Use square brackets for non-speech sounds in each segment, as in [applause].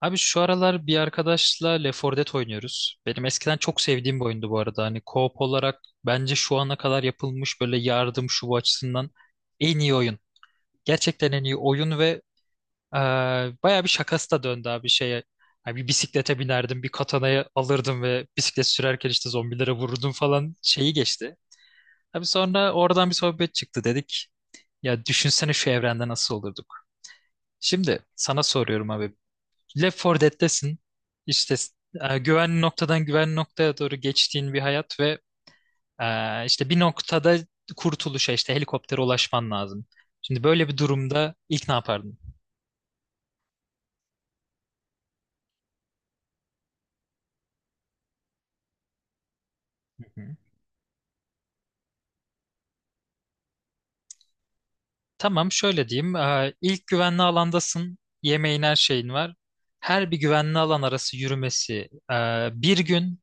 Abi şu aralar bir arkadaşla Left 4 Dead oynuyoruz. Benim eskiden çok sevdiğim bir oyundu bu arada. Hani co-op olarak bence şu ana kadar yapılmış böyle yardım şu bu açısından en iyi oyun. Gerçekten en iyi oyun ve e, bayağı bir şakası da döndü abi şeye. Hani bir bisiklete binerdim, bir katanayı alırdım ve bisiklet sürerken işte zombilere vururdum falan şeyi geçti. Abi sonra oradan bir sohbet çıktı dedik. Ya düşünsene şu evrende nasıl olurduk. Şimdi sana soruyorum abi. Left 4 Dead'desin. İşte güvenli noktadan güvenli noktaya doğru geçtiğin bir hayat ve işte bir noktada kurtuluşa işte helikoptere ulaşman lazım. Şimdi böyle bir durumda ilk ne yapardın? Hı. Tamam şöyle diyeyim. İlk güvenli alandasın. Yemeğin her şeyin var. Her bir güvenli alan arası yürümesi bir gün.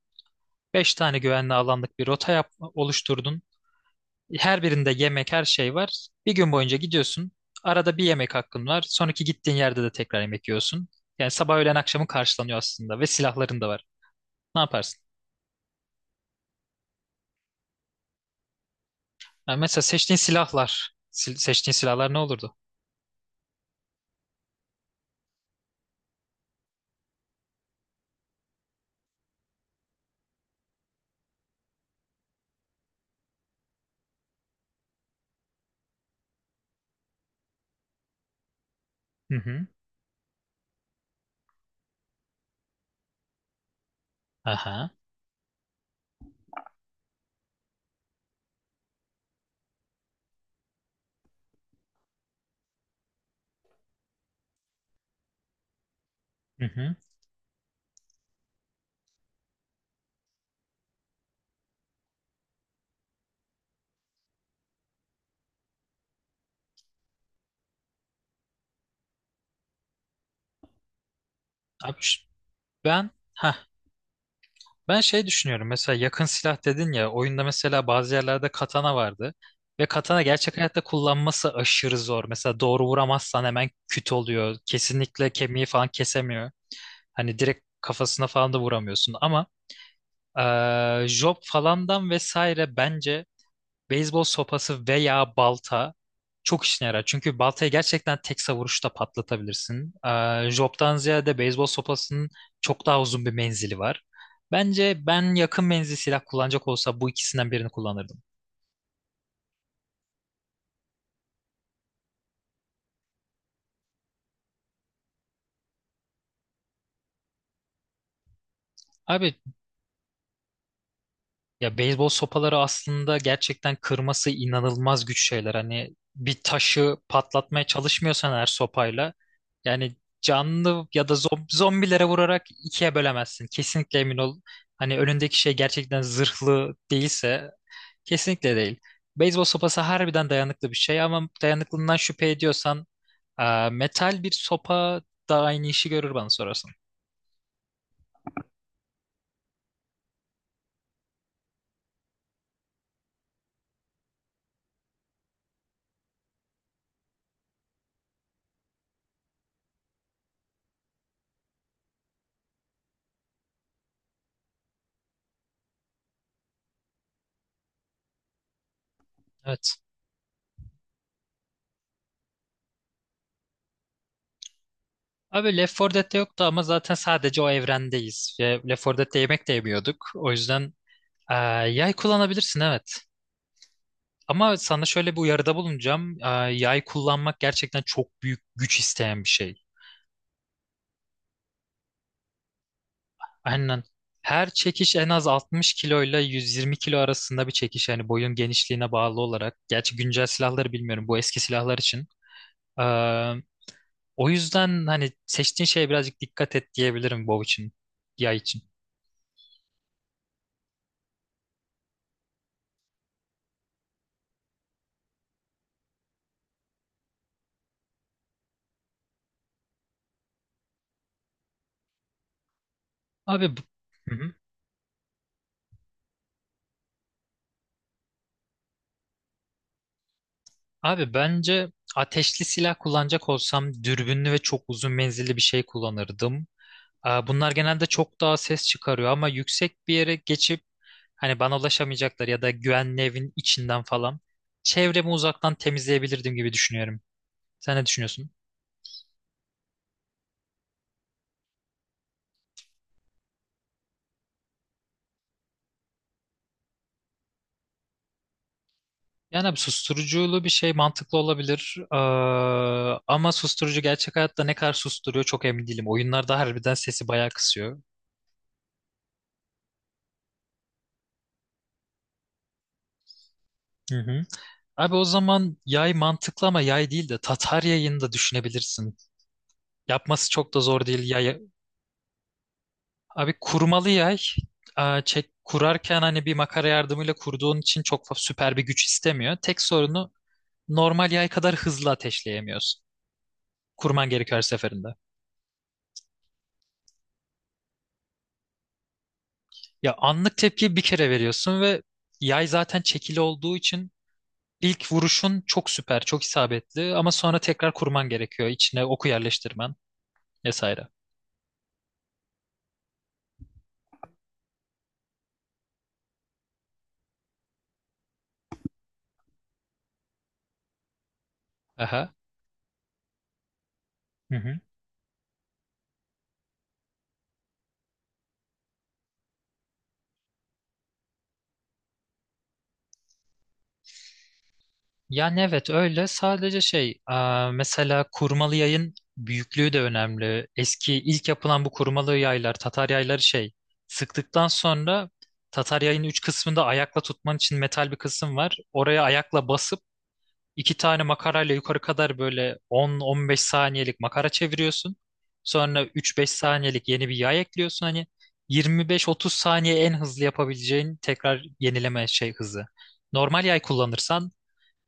Beş tane güvenli alanlık bir rota yap, oluşturdun. Her birinde yemek, her şey var. Bir gün boyunca gidiyorsun. Arada bir yemek hakkın var. Sonraki gittiğin yerde de tekrar yemek yiyorsun. Yani sabah, öğlen, akşamı karşılanıyor aslında ve silahların da var. Ne yaparsın? Yani mesela seçtiğin silahlar. Seçtiğin silahlar ne olurdu? Hı hı. Aha. Hı hı. Abi, ben ha ben şey düşünüyorum. Mesela yakın silah dedin ya oyunda mesela bazı yerlerde katana vardı. Ve katana gerçek hayatta kullanması aşırı zor. Mesela doğru vuramazsan hemen küt oluyor. Kesinlikle kemiği falan kesemiyor. Hani direkt kafasına falan da vuramıyorsun ama job falandan vesaire bence beyzbol sopası veya balta çok işine yarar. Çünkü baltayı gerçekten tek savuruşta patlatabilirsin. Job'tan ziyade beyzbol sopasının çok daha uzun bir menzili var. Bence ben yakın menzil silah kullanacak olsa bu ikisinden birini kullanırdım. Abi, ya beyzbol sopaları aslında gerçekten kırması inanılmaz güç şeyler. Hani bir taşı patlatmaya çalışmıyorsan eğer sopayla yani canlı ya da zombilere vurarak ikiye bölemezsin. Kesinlikle emin ol. Hani önündeki şey gerçekten zırhlı değilse kesinlikle değil. Beyzbol sopası harbiden dayanıklı bir şey ama dayanıklılığından şüphe ediyorsan metal bir sopa da aynı işi görür bana sorarsan. Evet. Abi Left 4 Dead'de yoktu ama zaten sadece o evrendeyiz. Ve Left 4 Dead'de yemek de yemiyorduk. O yüzden e, yay kullanabilirsin, evet. Ama sana şöyle bir uyarıda bulunacağım. Yay kullanmak gerçekten çok büyük güç isteyen bir şey. Aynen. Her çekiş en az 60 kilo ile 120 kilo arasında bir çekiş. Yani boyun genişliğine bağlı olarak. Gerçi güncel silahları bilmiyorum. Bu eski silahlar için. E, O yüzden hani seçtiğin şeye birazcık dikkat et diyebilirim bow için. Yay için. Abi bu... Abi bence ateşli silah kullanacak olsam dürbünlü ve çok uzun menzilli bir şey kullanırdım. Aa, bunlar genelde çok daha ses çıkarıyor ama yüksek bir yere geçip hani bana ulaşamayacaklar ya da güvenli evin içinden falan çevremi uzaktan temizleyebilirdim gibi düşünüyorum. Sen ne düşünüyorsun? Yani abi susturuculu bir şey mantıklı olabilir. Aa, ama susturucu gerçek hayatta ne kadar susturuyor çok emin değilim. Oyunlarda harbiden sesi bayağı kısıyor. Hı hı. Abi o zaman yay mantıklı ama yay değil de Tatar yayını da düşünebilirsin. Yapması çok da zor değil yay. Abi kurmalı yay. Aa, çek, kurarken hani bir makara yardımıyla kurduğun için çok süper bir güç istemiyor. Tek sorunu normal yay kadar hızlı ateşleyemiyorsun. Kurman gerekiyor her seferinde. Ya anlık tepkiyi bir kere veriyorsun ve yay zaten çekili olduğu için ilk vuruşun çok süper, çok isabetli ama sonra tekrar kurman gerekiyor. İçine oku yerleştirmen vesaire. Aha. Hı hı. Yani evet öyle sadece şey mesela kurmalı yayın büyüklüğü de önemli. Eski ilk yapılan bu kurmalı yaylar Tatar yayları şey sıktıktan sonra Tatar yayın üç kısmında ayakla tutman için metal bir kısım var. Oraya ayakla basıp iki tane makarayla yukarı kadar böyle 10-15 saniyelik makara çeviriyorsun. Sonra 3-5 saniyelik yeni bir yay ekliyorsun. Hani 25-30 saniye en hızlı yapabileceğin tekrar yenileme şey hızı. Normal yay kullanırsan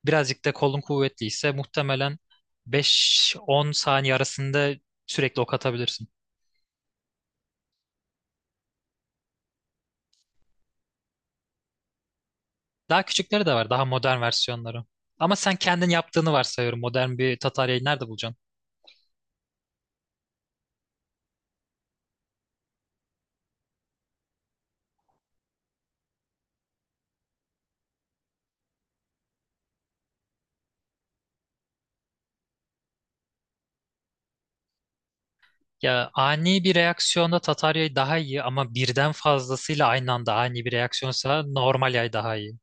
birazcık da kolun kuvvetliyse muhtemelen 5-10 saniye arasında sürekli ok atabilirsin. Daha küçükleri de var, daha modern versiyonları. Ama sen kendin yaptığını varsayıyorum. Modern bir tataryayı nerede bulacaksın? Ya ani bir reaksiyonda Tatar yay daha iyi ama birden fazlasıyla aynı anda ani bir reaksiyonsa normal yay daha iyi.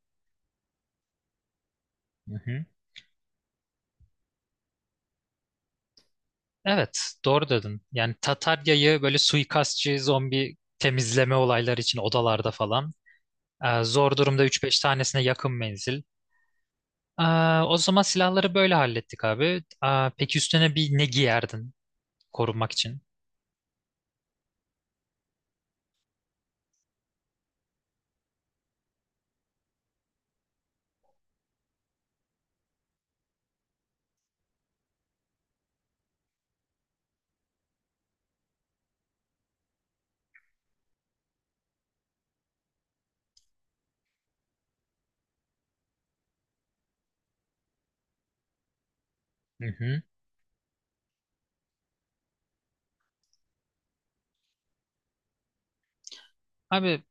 Hı hı. Evet, doğru dedin. Yani Tatar yayı böyle suikastçı zombi temizleme olayları için odalarda falan. Zor durumda üç beş tanesine yakın menzil. Ee, O zaman silahları böyle hallettik abi. Peki üstüne bir ne giyerdin korunmak için? Hı hı. Abi.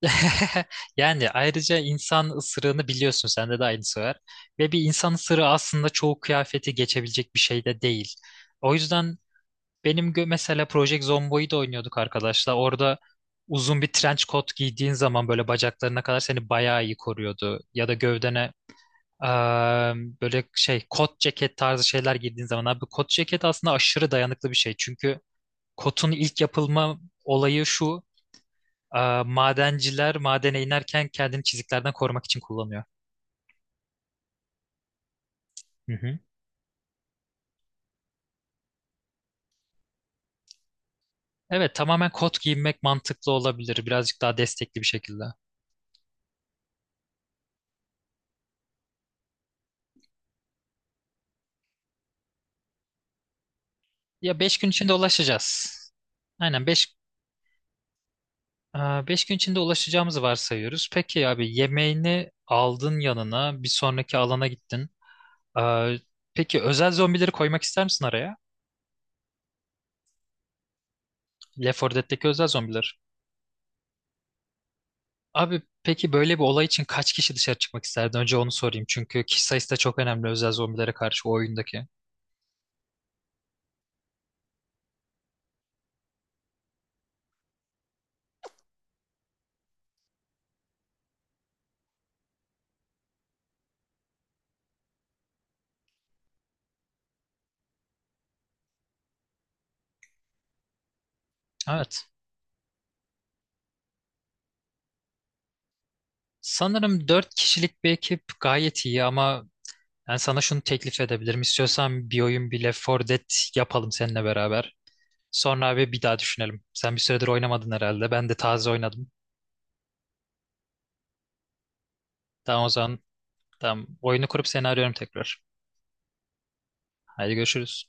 [laughs] Yani ayrıca insan ısırığını biliyorsun sende de aynısı var. Ve bir insan ısırığı aslında çoğu kıyafeti geçebilecek bir şey de değil. O yüzden benim mesela Project Zombo'yu da oynuyorduk arkadaşlar. Orada uzun bir trench coat giydiğin zaman böyle bacaklarına kadar seni bayağı iyi koruyordu. Ya da gövdene eee, böyle şey kot ceket tarzı şeyler giydiğin zaman abi kot ceket aslında aşırı dayanıklı bir şey. Çünkü kotun ilk yapılma olayı şu. Aa, madenciler madene inerken kendini çiziklerden korumak için kullanıyor. Hı hı. Evet, tamamen kot giyinmek mantıklı olabilir. Birazcık daha destekli bir şekilde. Ya 5 gün içinde ulaşacağız. Aynen beş gün içinde ulaşacağımızı varsayıyoruz. Peki abi yemeğini aldın yanına bir sonraki alana gittin. Aa, peki özel zombileri koymak ister misin araya? Left 4 Dead'deki özel zombiler. Abi peki böyle bir olay için kaç kişi dışarı çıkmak isterdi? Önce onu sorayım çünkü kişi sayısı da çok önemli özel zombilere karşı o oyundaki. Evet. Sanırım dört kişilik bir ekip gayet iyi ama ben sana şunu teklif edebilirim. İstiyorsan bir oyun bile Left 4 Dead yapalım seninle beraber. Sonra abi bir daha düşünelim. Sen bir süredir oynamadın herhalde. Ben de taze oynadım. Tamam o zaman tamam. Oyunu kurup seni arıyorum tekrar. Haydi görüşürüz.